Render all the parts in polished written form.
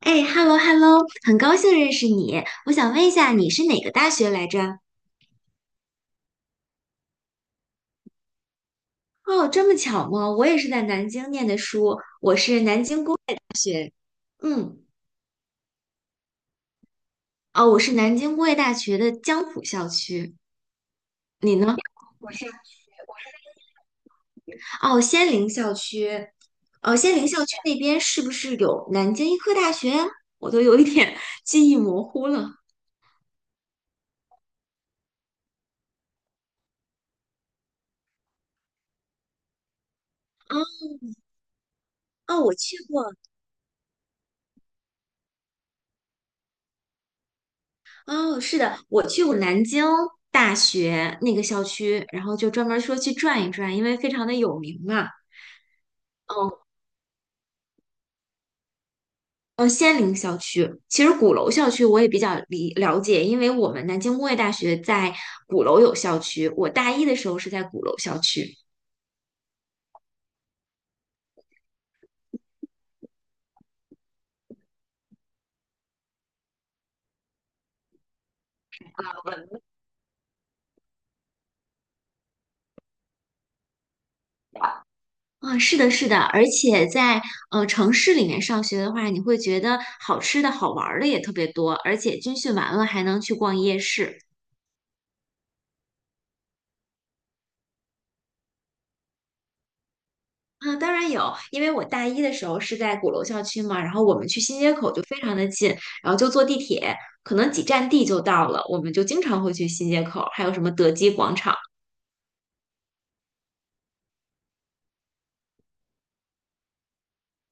哎，hello hello，很高兴认识你。我想问一下，你是哪个大学来着？哦，这么巧吗？我也是在南京念的书，我是南京学，嗯，哦，我是南京工业大学的江浦校区。你呢？哦，仙林校区，哦，仙林校区那边是不是有南京医科大学啊？我都有一点 记忆模糊了。啊，哦，我去过。哦，是的，我去过南京大学那个校区，然后就专门说去转一转，因为非常的有名嘛。嗯嗯，仙林校区，其实鼓楼校区我也比较理了解，因为我们南京工业大学在鼓楼有校区，我大一的时候是在鼓楼校区。啊，是的，是的，而且在城市里面上学的话，你会觉得好吃的好玩儿的也特别多，而且军训完了还能去逛夜市。啊，当然有，因为我大一的时候是在鼓楼校区嘛，然后我们去新街口就非常的近，然后就坐地铁，可能几站地就到了，我们就经常会去新街口，还有什么德基广场。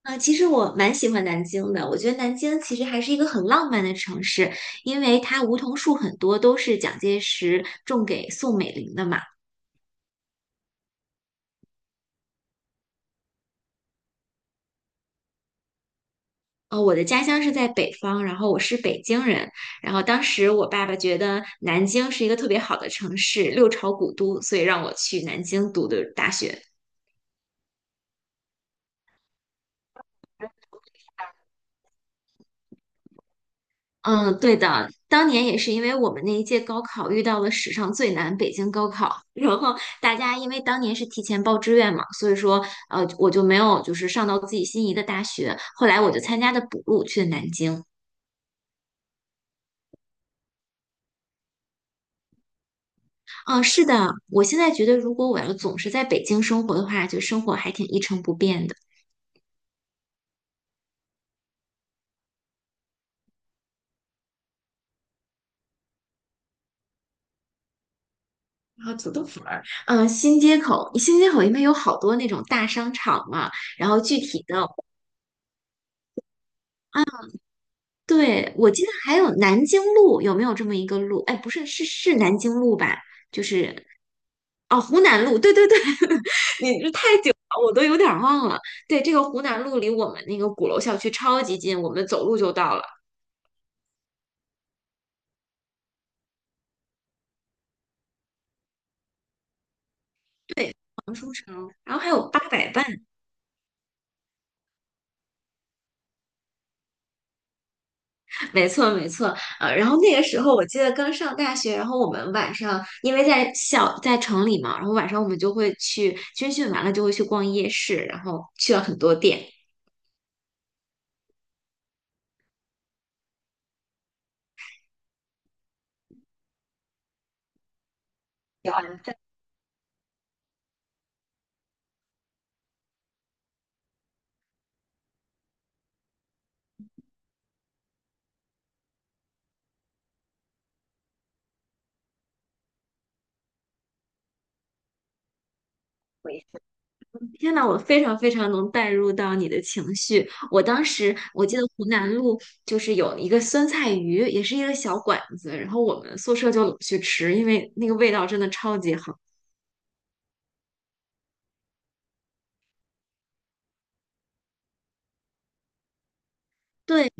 啊，其实我蛮喜欢南京的，我觉得南京其实还是一个很浪漫的城市，因为它梧桐树很多都是蒋介石种给宋美龄的嘛。我的家乡是在北方，然后我是北京人，然后当时我爸爸觉得南京是一个特别好的城市，六朝古都，所以让我去南京读的大学。嗯，对的，当年也是因为我们那一届高考遇到了史上最难北京高考，然后大家因为当年是提前报志愿嘛，所以说我就没有就是上到自己心仪的大学，后来我就参加的补录去了南京。嗯，是的，我现在觉得如果我要总是在北京生活的话，就生活还挺一成不变的。啊，土豆粉儿，嗯，新街口，新街口因为有好多那种大商场嘛，然后具体的，对，我记得还有南京路，有没有这么一个路？哎，不是，是南京路吧？就是哦，湖南路，对对对，你这太久了，我都有点儿忘了。对，这个湖南路离我们那个鼓楼校区超级近，我们走路就到了。黄书城，然后还有八佰伴。没错，没错，然后那个时候我记得刚上大学，然后我们晚上因为在校在城里嘛，然后晚上我们就会去军训完了就会去逛夜市，然后去了很多店。天呐，我非常非常能带入到你的情绪。我当时我记得湖南路就是有一个酸菜鱼，也是一个小馆子，然后我们宿舍就老去吃，因为那个味道真的超级好。对。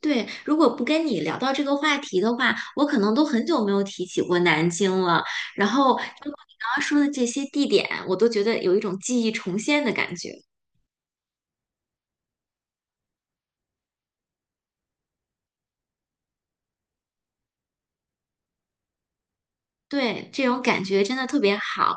对，如果不跟你聊到这个话题的话，我可能都很久没有提起过南京了。然后，如果你刚刚说的这些地点，我都觉得有一种记忆重现的感觉。对，这种感觉真的特别好。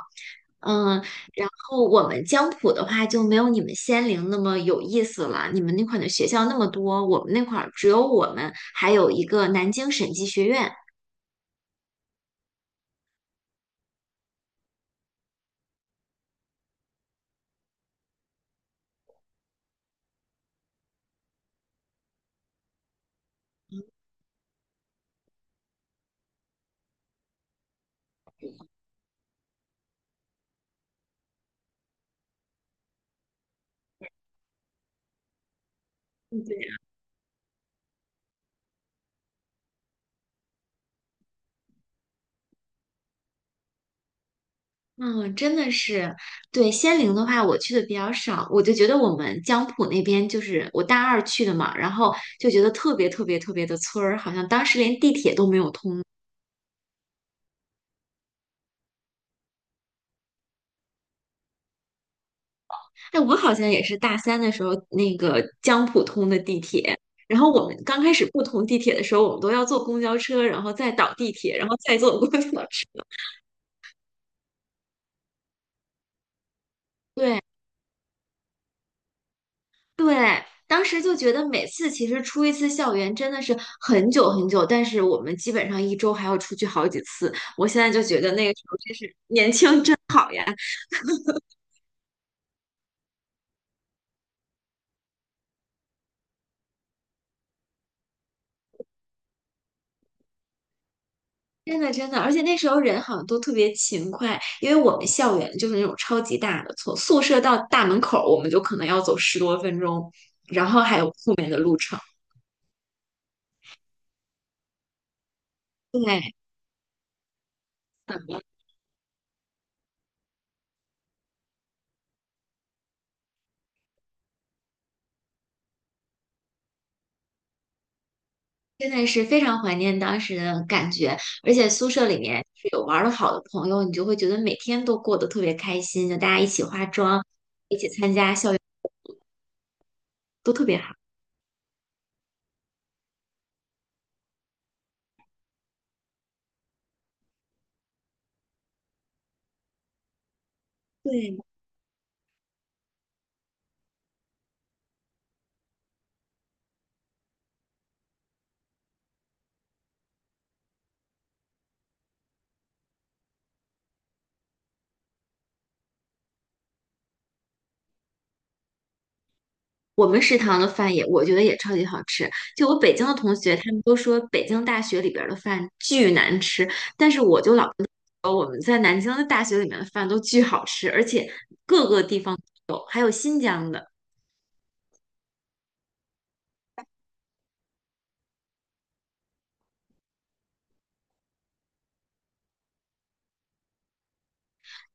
嗯，然后我们江浦的话就没有你们仙林那么有意思了。你们那块儿的学校那么多，我们那块儿只有我们，还有一个南京审计学院。嗯，真的是，对仙陵的话，我去的比较少，我就觉得我们江浦那边就是我大二去的嘛，然后就觉得特别特别特别的村儿，好像当时连地铁都没有通。哎，我好像也是大三的时候那个江浦通的地铁，然后我们刚开始不通地铁的时候，我们都要坐公交车，然后再倒地铁，然后再坐公交车。对。对，当时就觉得每次其实出一次校园真的是很久很久，但是我们基本上一周还要出去好几次。我现在就觉得那个时候真是年轻真好呀，真的真的，而且那时候人好像都特别勤快，因为我们校园就是那种超级大的，从宿舍到大门口我们就可能要走十多分钟，然后还有后面的路程。对，真的是非常怀念当时的感觉，而且宿舍里面是有玩的好的朋友，你就会觉得每天都过得特别开心，就大家一起化妆，一起参加校园，都特别好。对，我们食堂的饭也，我觉得也超级好吃。就我北京的同学，他们都说北京大学里边儿的饭巨难吃，但是我就老我们在南京的大学里面的饭都巨好吃，而且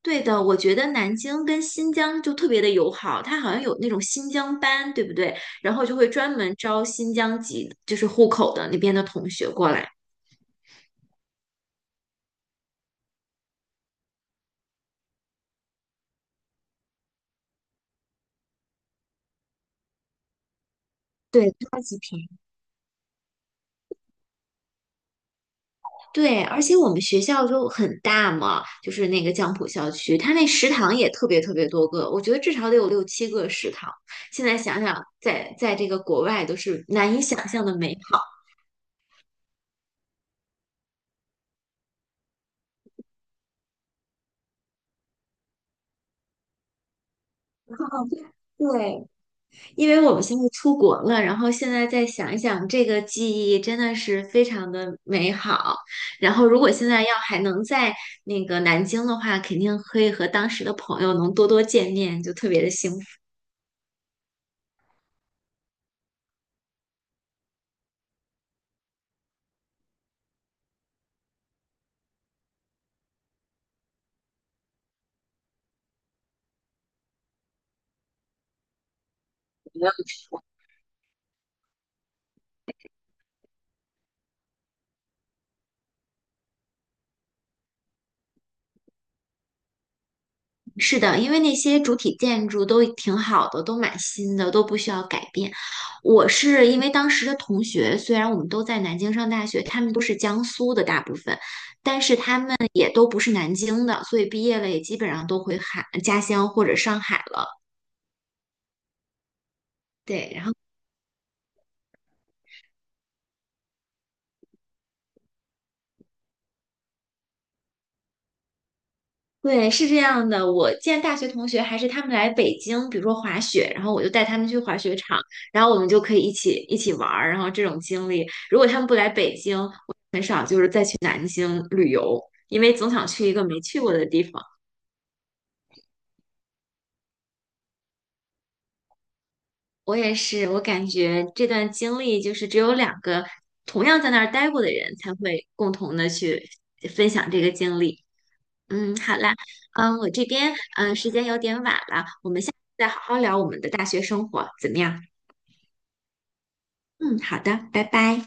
对的，我觉得南京跟新疆就特别的友好，它好像有那种新疆班，对不对？然后就会专门招新疆籍，就是户口的那边的同学过来。对，超级便宜。对，而且我们学校就很大嘛，就是那个江浦校区，它那食堂也特别特别多个，我觉得至少得有6、7个食堂。现在想想，在这个国外都是难以想象的美好。对，因为我们现在出国了，然后现在再想一想，这个记忆真的是非常的美好。然后，如果现在要还能在那个南京的话，肯定可以和当时的朋友能多多见面，就特别的幸福。是的，因为那些主体建筑都挺好的，都蛮新的，都不需要改变。我是因为当时的同学，虽然我们都在南京上大学，他们都是江苏的，大部分也都不是南京的，所以毕业了也基本上都回海家乡或者上海了。对，然后。对，是这样的。我见大学同学还是他们来北京，比如说滑雪，然后我就带他们去滑雪场，然后我们就可以一起玩儿。然后这种经历，如果他们不来北京，嗯，旅游，因为总想去一个没去过的地方。我也是，我感觉这段经历就是只有两个同样在那儿待过的人才会共同的去分享这个经历。嗯，好啦，嗯，我这边时间有点晚了，我们下次再好好聊我们的大学生活，怎么样？嗯，好的，拜拜。